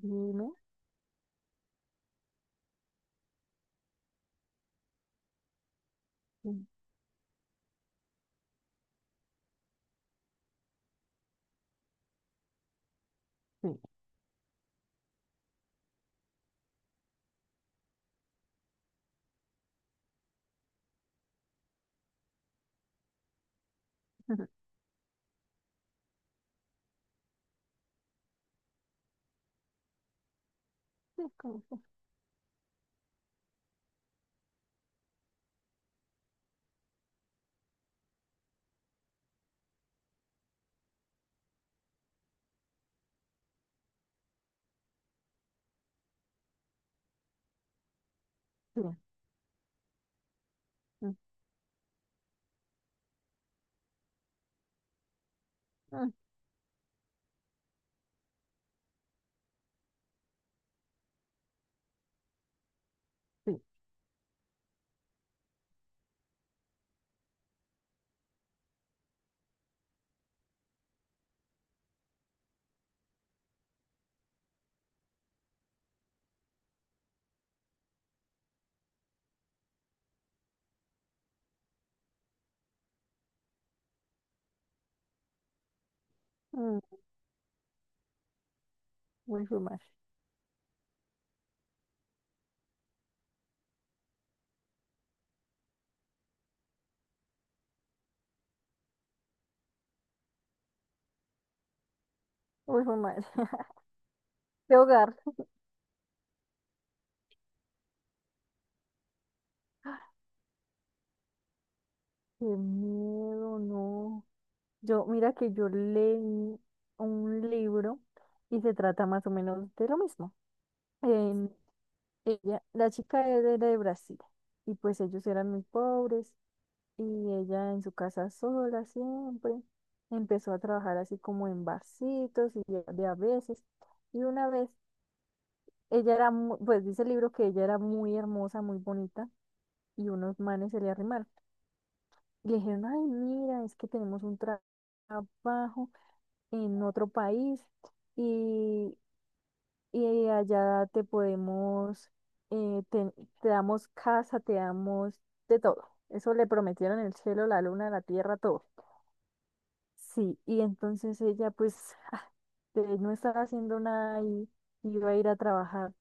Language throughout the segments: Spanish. Dime. Sí. Sí, es como que sí. Mm, mm, sí. Mm, muy fumar. Muy fumar. De hogar. Qué miedo, no. Yo, mira que yo leí un libro y se trata más o menos de lo mismo. En ella, la chica era de Brasil y pues ellos eran muy pobres y ella en su casa sola siempre empezó a trabajar así como en barcitos y de a veces. Y una vez ella era, pues dice el libro que ella era muy hermosa, muy bonita, y unos manes se le arrimaron. Y le dijeron, ay, mira, es que tenemos un trabajo en otro país y, y allá te podemos, eh, te, te damos casa, te damos de todo. Eso le prometieron el cielo, la luna, la tierra, todo. Sí, y entonces ella pues ah, no estaba haciendo nada y iba a ir a trabajar.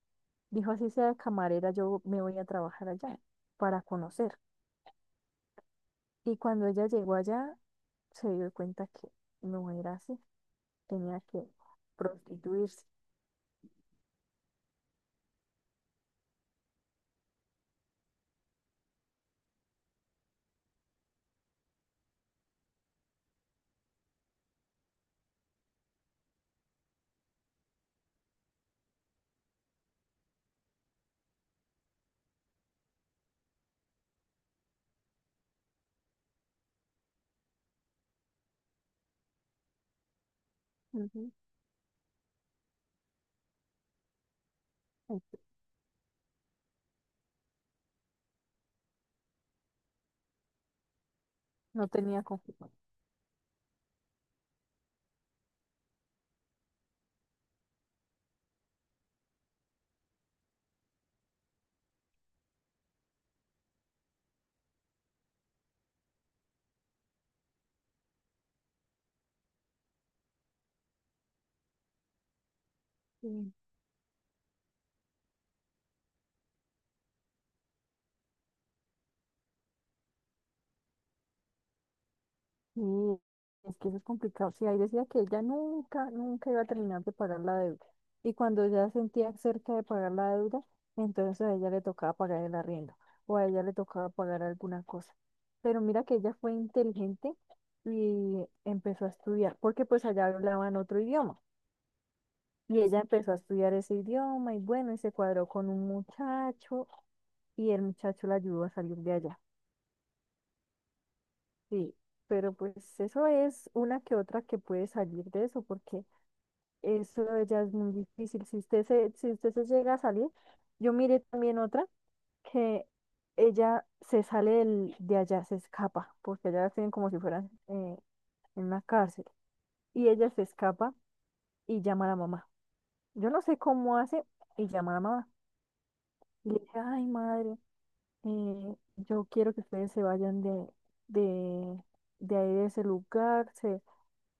Dijo, así sea camarera, yo me voy a trabajar allá para conocer. Y cuando ella llegó allá, se dio cuenta que no era así, tenía que prostituirse. Ujú. Ok. No tenía confusión. Sí. Sí, es que eso es complicado. Sí, ahí decía que ella nunca, nunca iba a terminar de pagar la deuda. Y cuando ya sentía cerca de pagar la deuda, entonces a ella le tocaba pagar el arriendo o a ella le tocaba pagar alguna cosa. Pero mira que ella fue inteligente y empezó a estudiar, porque pues allá hablaban otro idioma. Y ella empezó a estudiar ese idioma y bueno, y se cuadró con un muchacho y el muchacho la ayudó a salir de allá. Sí, pero pues eso es una que otra que puede salir de eso, porque eso ya es muy difícil. Si usted se, si usted se llega a salir, yo miré también otra que ella se sale de allá, se escapa, porque allá la tienen como si fueran en una cárcel. Y ella se escapa y llama a la mamá. Yo no sé cómo hace y llama a la mamá. Y le dice, ay madre, yo quiero que ustedes se vayan de, de, de, ahí de ese lugar, se,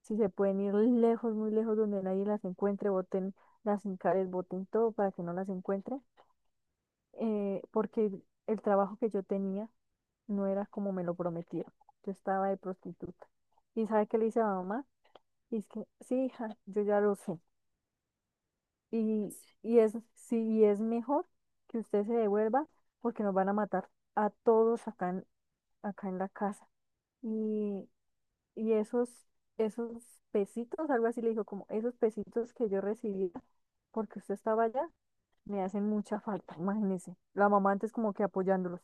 si se pueden ir lejos, muy lejos, donde nadie las encuentre, boten las encares, boten todo para que no las encuentre porque el trabajo que yo tenía no era como me lo prometieron. Yo estaba de prostituta. ¿Y sabe qué le dice a la mamá? Y es que, sí, hija, yo ya lo sé. Y, y es, sí, y es mejor que usted se devuelva porque nos van a matar a todos acá en, acá en la casa. Y, y esos, esos pesitos, algo así le dijo, como esos pesitos que yo recibía porque usted estaba allá, me hacen mucha falta, imagínese. La mamá antes como que apoyándolos.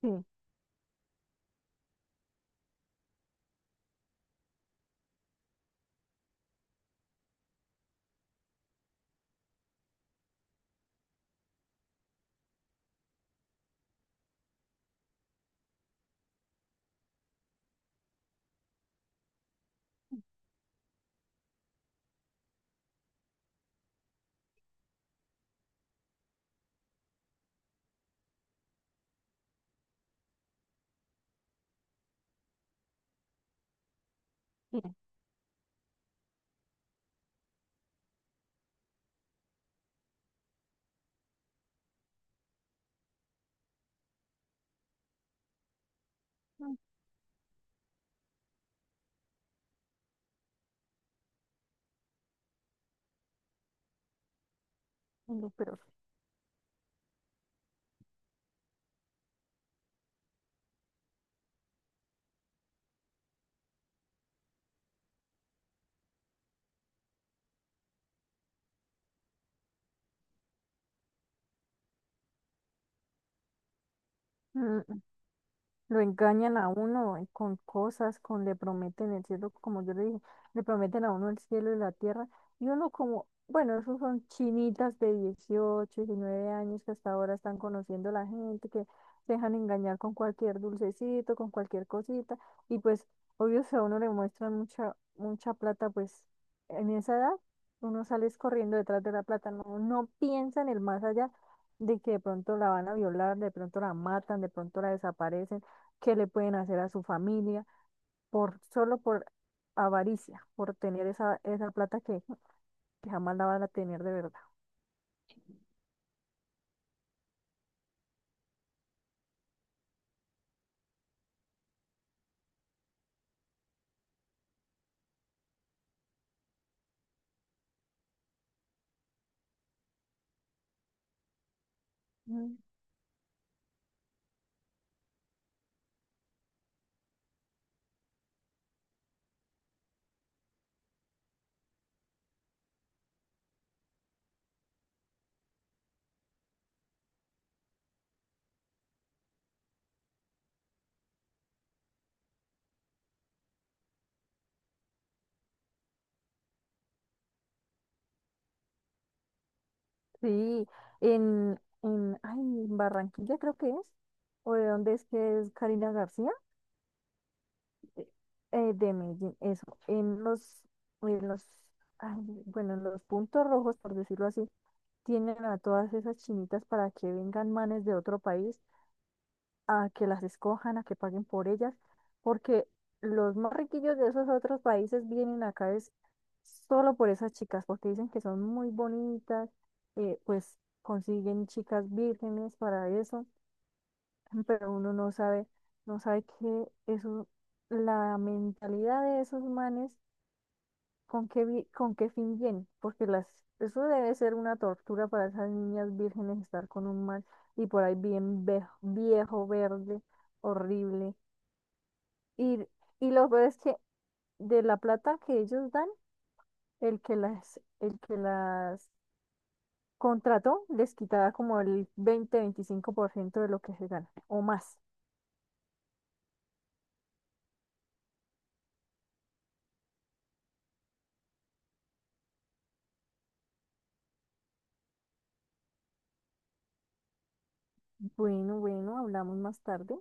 Sí, sí, mm, no, pero... sí. Lo engañan a uno con cosas, con le prometen el cielo, como yo le dije, le prometen a uno el cielo y la tierra, y uno como, bueno, esos son chinitas de 18, diecinueve años que hasta ahora están conociendo a la gente, que se dejan engañar con cualquier dulcecito, con cualquier cosita, y pues, obvio, si a uno le muestran mucha, mucha plata, pues, en esa edad, uno sale es corriendo detrás de la plata, no, no piensa en el más allá de que de pronto la van a violar, de pronto la matan, de pronto la desaparecen que le pueden hacer a su familia por solo por avaricia, por tener esa, plata que jamás la van a tener de verdad. Mm. Sí, en Barranquilla creo que es, o de dónde es que es Karina García, eh, de Medellín, eso, en los, ay, bueno, en los puntos rojos, por decirlo así, tienen a todas esas chinitas para que vengan manes de otro país a que las escojan, a que paguen por ellas, porque los más riquillos de esos otros países vienen acá es solo por esas chicas, porque dicen que son muy bonitas, pues consiguen chicas vírgenes para eso, pero uno no sabe, no sabe que eso, la mentalidad de esos manes, con qué fin viene, porque las, eso debe ser una tortura para esas niñas vírgenes estar con un man y por ahí bien viejo, verde, horrible y, y lo peor es que de la plata que ellos dan, el que las, contrató les quitaba como el 20-25% de lo que se gana o más. Bueno, bueno, hablamos más tarde.